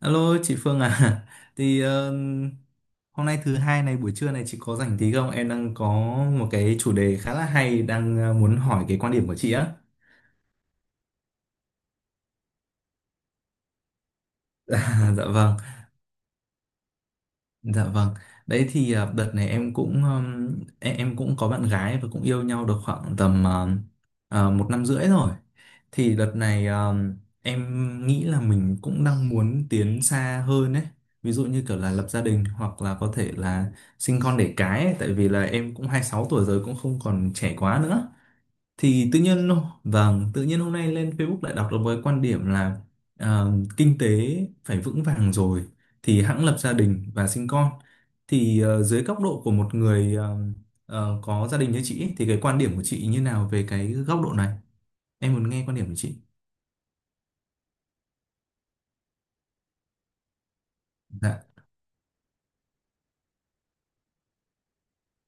Alo chị Phương à thì ờ, Hôm nay thứ hai này, buổi trưa này chị có rảnh tí không? Em đang có một cái chủ đề khá là hay, đang muốn hỏi cái quan điểm của chị á. À, dạ vâng. Dạ vâng. Đấy thì à, đợt này em cũng em cũng có bạn gái và cũng yêu nhau được khoảng tầm một năm rưỡi rồi. Thì đợt này em nghĩ là mình cũng đang muốn tiến xa hơn ấy. Ví dụ như kiểu là lập gia đình hoặc là có thể là sinh con đẻ cái ấy. Tại vì là em cũng 26 tuổi rồi, cũng không còn trẻ quá nữa, thì tự nhiên, vâng tự nhiên hôm nay lên Facebook lại đọc được với quan điểm là ờ, kinh tế phải vững vàng rồi thì hẵng lập gia đình và sinh con. Thì dưới góc độ của một người có gia đình như chị ấy, thì cái quan điểm của chị như nào về cái góc độ này? Em muốn nghe quan điểm của chị. Dạ.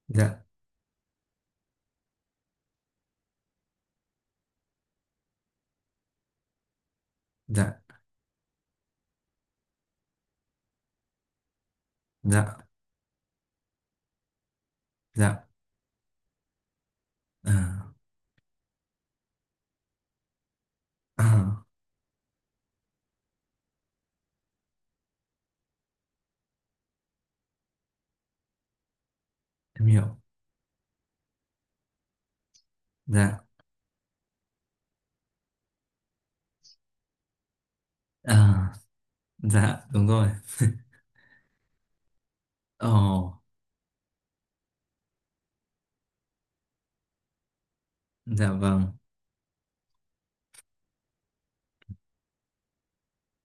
Dạ. Dạ. Dạ. Dạ. À. À, em hiểu. Dạ. À, dạ đúng rồi. Ồ. Dạ vâng.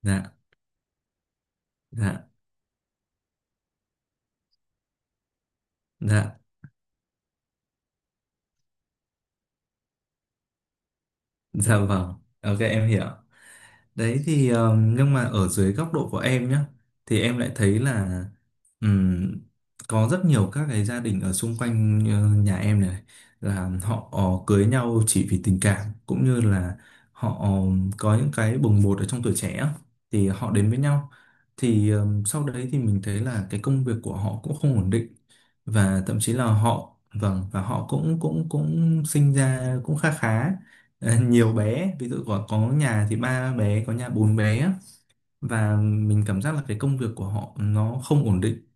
Dạ. Dạ. Dạ. Dạ vâng. Ok, em hiểu. Đấy thì nhưng mà ở dưới góc độ của em nhá, thì em lại thấy là ừm, có rất nhiều các cái gia đình ở xung quanh nhà em này là họ cưới nhau chỉ vì tình cảm, cũng như là họ có những cái bồng bột ở trong tuổi trẻ á, thì họ đến với nhau. Thì sau đấy thì mình thấy là cái công việc của họ cũng không ổn định, và thậm chí là họ vâng, và họ cũng cũng cũng sinh ra cũng khá khá. Ờ, nhiều bé, ví dụ có nhà thì ba bé, có nhà bốn bé á. Và mình cảm giác là cái công việc của họ nó không ổn định,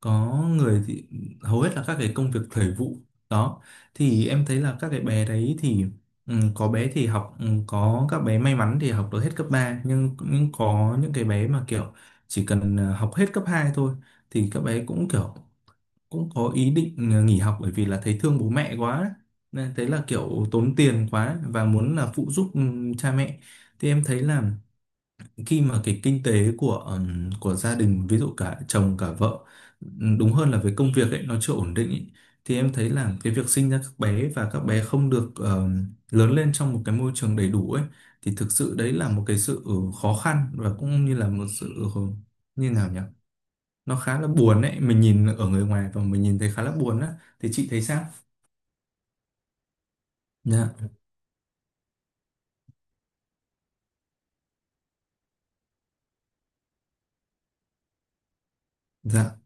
có người thì hầu hết là các cái công việc thời vụ đó. Thì em thấy là các cái bé đấy thì, ừ, có bé thì học, ừ, có các bé may mắn thì học được hết cấp ba, nhưng có những cái bé mà kiểu chỉ cần học hết cấp 2 thôi thì các bé cũng kiểu cũng có ý định nghỉ học, bởi vì là thấy thương bố mẹ quá nên thấy là kiểu tốn tiền quá và muốn là phụ giúp cha mẹ. Thì em thấy là khi mà cái kinh tế của gia đình, ví dụ cả chồng cả vợ, đúng hơn là với công việc ấy nó chưa ổn định ấy, thì em thấy là cái việc sinh ra các bé và các bé không được lớn lên trong một cái môi trường đầy đủ ấy thì thực sự đấy là một cái sự khó khăn, và cũng như là một sự, ừ, như nào nhỉ, nó khá là buồn đấy, mình nhìn ở người ngoài và mình nhìn thấy khá là buồn á, thì chị thấy sao? Dạ. Dạ.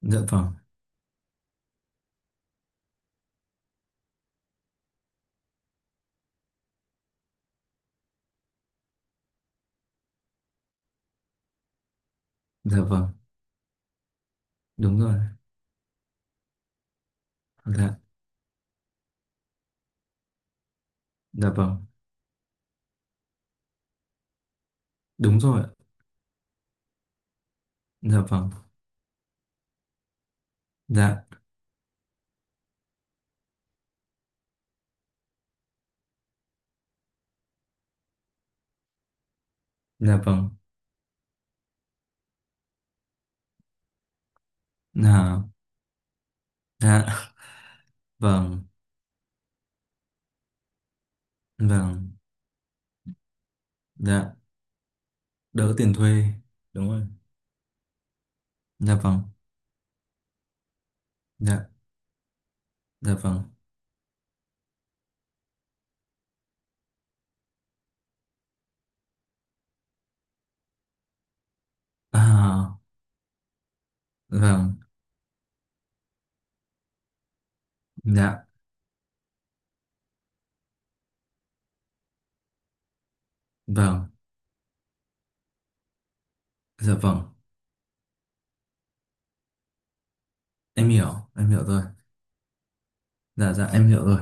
Dạ vâng. Dạ vâng, đúng rồi. Dạ. Dạ vâng, đúng rồi. Dạ vâng. Dạ. Dạ vâng. Dạ. Dạ vâng vâng. Dạ, đỡ tiền thuê, đúng rồi. Dạ vâng. Dạ. Dạ vâng. À, vâng. Dạ vâng. Dạ vâng, em hiểu, em hiểu rồi. Dạ. Dạ, em hiểu rồi.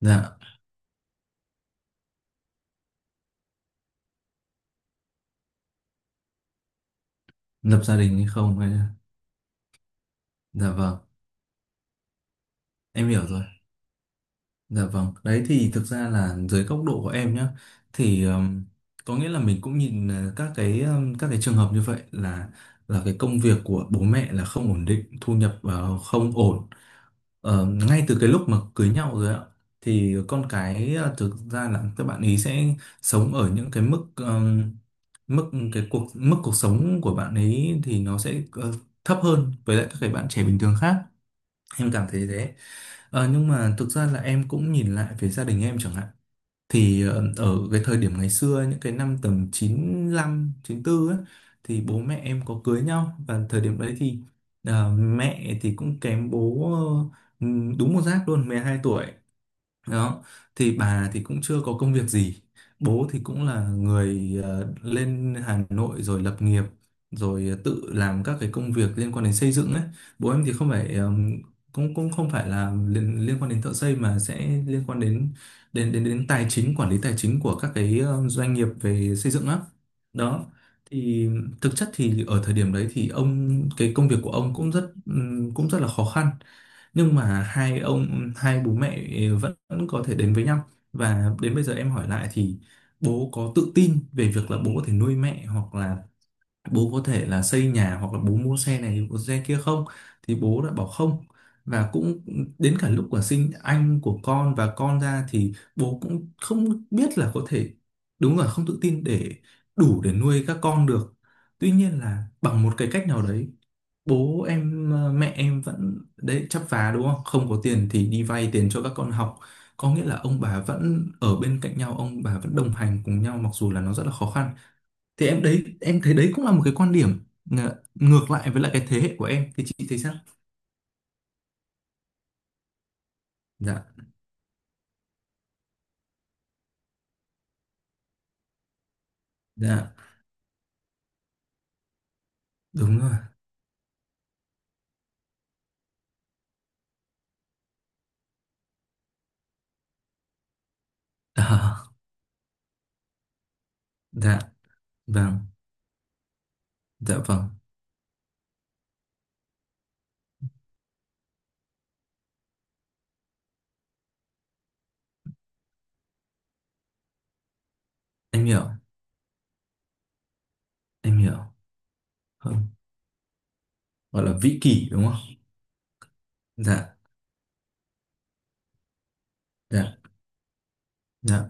Dạ, lập gia đình hay không hay. Dạ vâng, em hiểu rồi. Dạ vâng, đấy thì thực ra là dưới góc độ của em nhá, thì có nghĩa là mình cũng nhìn các cái, các cái trường hợp như vậy là cái công việc của bố mẹ là không ổn định, thu nhập không ổn. Ờ, ngay từ cái lúc mà cưới nhau rồi ạ, thì con cái, thực ra là các bạn ý sẽ sống ở những cái mức mức, cái cuộc mức cuộc sống của bạn ấy thì nó sẽ thấp hơn với lại các cái bạn trẻ bình thường khác, em cảm thấy thế. Ờ, nhưng mà thực ra là em cũng nhìn lại về gia đình em chẳng hạn, thì ở cái thời điểm ngày xưa, những cái năm tầm 95, 94 ấy, thì bố mẹ em có cưới nhau, và thời điểm đấy thì mẹ thì cũng kém bố ờ, đúng một giáp luôn, 12 tuổi đó. Thì bà thì cũng chưa có công việc gì, bố thì cũng là người lên Hà Nội rồi lập nghiệp, rồi tự làm các cái công việc liên quan đến xây dựng ấy. Bố em thì không phải cũng cũng không phải là liên, liên quan đến thợ xây, mà sẽ liên quan đến đến tài chính, quản lý tài chính của các cái doanh nghiệp về xây dựng á đó. Thì thực chất thì ở thời điểm đấy thì ông, cái công việc của ông cũng rất là khó khăn, nhưng mà hai ông, hai bố mẹ vẫn có thể đến với nhau. Và đến bây giờ em hỏi lại thì bố có tự tin về việc là bố có thể nuôi mẹ, hoặc là bố có thể là xây nhà, hoặc là bố mua xe này mua xe kia không, thì bố đã bảo không. Và cũng đến cả lúc của sinh anh của con và con ra thì bố cũng không biết là có thể, đúng là không tự tin để đủ để nuôi các con được. Tuy nhiên là bằng một cái cách nào đấy, bố em, mẹ em vẫn đấy chắp vá đúng không, không có tiền thì đi vay tiền cho các con học, có nghĩa là ông bà vẫn ở bên cạnh nhau, ông bà vẫn đồng hành cùng nhau mặc dù là nó rất là khó khăn. Thì em đấy em thấy đấy cũng là một cái quan điểm ngược lại với lại cái thế hệ của em, thì chị thấy sao? Dạ. Dạ, đúng rồi. À, dạ vâng. Dạ vâng, em hiểu, em hiểu. Không, gọi là vĩ kỷ đúng không. Dạ. Dạ. Dạ.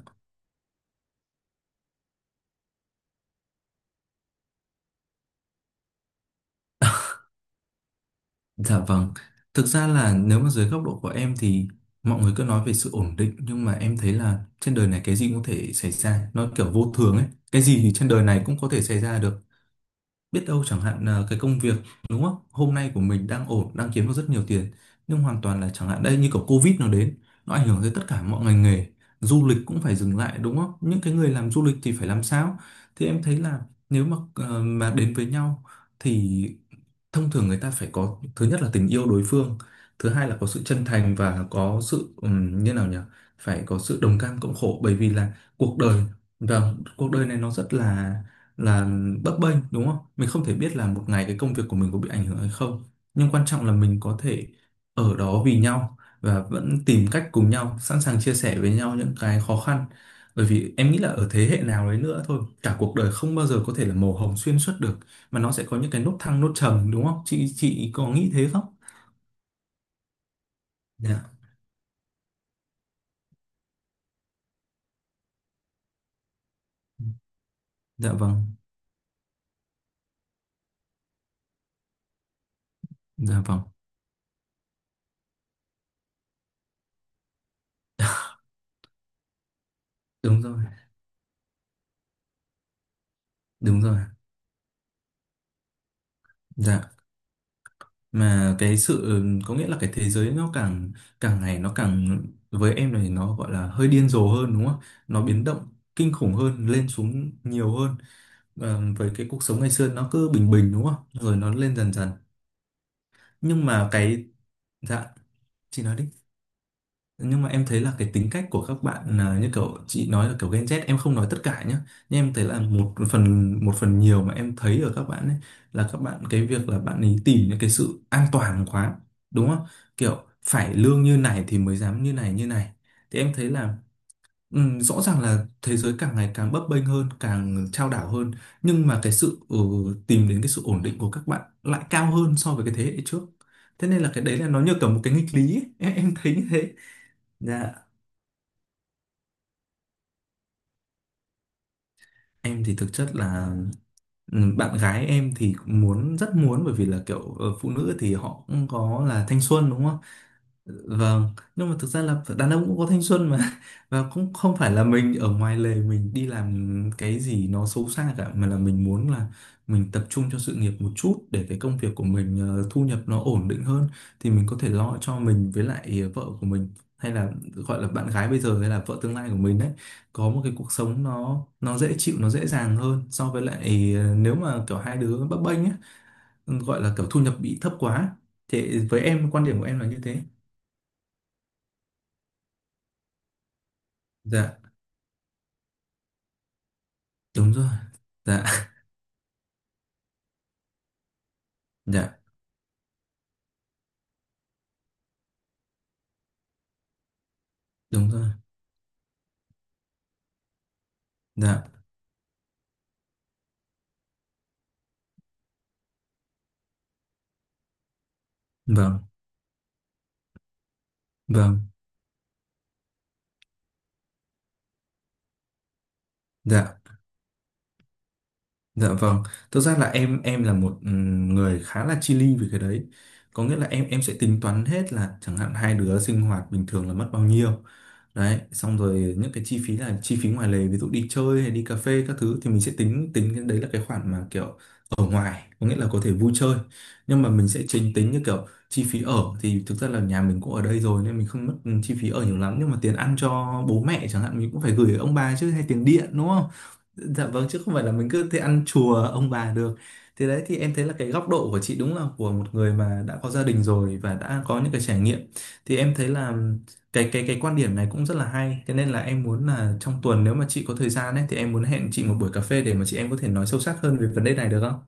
Dạ vâng, thực ra là nếu mà dưới góc độ của em thì mọi người cứ nói về sự ổn định, nhưng mà em thấy là trên đời này cái gì cũng có thể xảy ra, nó kiểu vô thường ấy, cái gì thì trên đời này cũng có thể xảy ra được. Biết đâu chẳng hạn là cái công việc đúng không, hôm nay của mình đang ổn, đang kiếm được rất nhiều tiền, nhưng hoàn toàn là chẳng hạn đây như kiểu Covid nó đến, nó ảnh hưởng tới tất cả mọi ngành nghề, du lịch cũng phải dừng lại đúng không, những cái người làm du lịch thì phải làm sao? Thì em thấy là nếu mà mà đến với nhau thì thông thường người ta phải có, thứ nhất là tình yêu đối phương, thứ hai là có sự chân thành và có sự, như nào nhỉ, phải có sự đồng cam cộng khổ, bởi vì là cuộc đời, vâng cuộc đời này nó rất là bấp bênh đúng không? Mình không thể biết là một ngày cái công việc của mình có bị ảnh hưởng hay không. Nhưng quan trọng là mình có thể ở đó vì nhau và vẫn tìm cách cùng nhau, sẵn sàng chia sẻ với nhau những cái khó khăn. Bởi vì em nghĩ là ở thế hệ nào đấy nữa thôi, cả cuộc đời không bao giờ có thể là màu hồng xuyên suốt được, mà nó sẽ có những cái nốt thăng nốt trầm đúng không? Chị có nghĩ thế không? Dạ. Dạ vâng. Dạ vâng. Đúng rồi. Đúng rồi. Dạ. Mà cái sự có nghĩa là cái thế giới nó càng càng ngày nó càng, với em này nó gọi là hơi điên rồ hơn đúng không? Nó biến động kinh khủng hơn, lên xuống nhiều hơn. Ờ, với cái cuộc sống ngày xưa nó cứ bình bình đúng không? Rồi nó lên dần dần. Nhưng mà cái, dạ, chị nói đi, nhưng mà em thấy là cái tính cách của các bạn là như kiểu chị nói là kiểu Gen Z, em không nói tất cả nhé, nhưng em thấy là một phần, một phần nhiều mà em thấy ở các bạn ấy là các bạn, cái việc là bạn ấy tìm những cái sự an toàn quá đúng không, kiểu phải lương như này thì mới dám như này như này. Thì em thấy là, ừ, rõ ràng là thế giới càng ngày càng bấp bênh hơn, càng chao đảo hơn, nhưng mà cái sự, ừ, tìm đến cái sự ổn định của các bạn lại cao hơn so với cái thế hệ trước. Thế nên là cái đấy là nó như kiểu một cái nghịch lý ấy. Em thấy như thế. Dạ. Em thì thực chất là, ừ, bạn gái em thì cũng muốn rất muốn, bởi vì là kiểu phụ nữ thì họ cũng có là thanh xuân đúng không? Vâng, nhưng mà thực ra là đàn ông cũng có thanh xuân mà và cũng không phải là mình ở ngoài lề mình đi làm cái gì nó xấu xa cả, mà là mình muốn là mình tập trung cho sự nghiệp một chút để cái công việc của mình thu nhập nó ổn định hơn, thì mình có thể lo cho mình với lại vợ của mình, hay là gọi là bạn gái bây giờ hay là vợ tương lai của mình đấy, có một cái cuộc sống nó dễ chịu nó dễ dàng hơn so với lại nếu mà kiểu hai đứa bấp bênh ấy, gọi là kiểu thu nhập bị thấp quá. Thì với em, quan điểm của em là như thế. Dạ, đúng rồi. Dạ. Dạ, đúng rồi. Dạ vâng vâng. Dạ. Dạ vâng, thực ra là em là một người khá là chi li về cái đấy. Có nghĩa là em sẽ tính toán hết là chẳng hạn hai đứa sinh hoạt bình thường là mất bao nhiêu. Đấy, xong rồi những cái chi phí là chi phí ngoài lề, ví dụ đi chơi hay đi cà phê các thứ thì mình sẽ tính tính cái đấy là cái khoản mà kiểu ở ngoài, có nghĩa là có thể vui chơi. Nhưng mà mình sẽ chính tính như kiểu chi phí ở, thì thực ra là nhà mình cũng ở đây rồi nên mình không mất, ừ, chi phí ở nhiều lắm, nhưng mà tiền ăn cho bố mẹ chẳng hạn mình cũng phải gửi ông bà chứ, hay tiền điện đúng không? Dạ vâng, chứ không phải là mình cứ thế ăn chùa ông bà được. Thế đấy thì em thấy là cái góc độ của chị đúng là của một người mà đã có gia đình rồi và đã có những cái trải nghiệm, thì em thấy là cái quan điểm này cũng rất là hay. Thế nên là em muốn là trong tuần nếu mà chị có thời gian ấy thì em muốn hẹn chị một buổi cà phê để mà chị em có thể nói sâu sắc hơn về vấn đề này được không?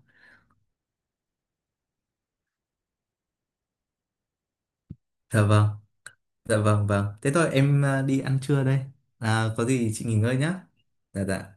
Dạ vâng. Dạ vâng vâng. Thế thôi em à, đi ăn trưa đây. À, có gì chị nghỉ ngơi nhá. Dạ dạ.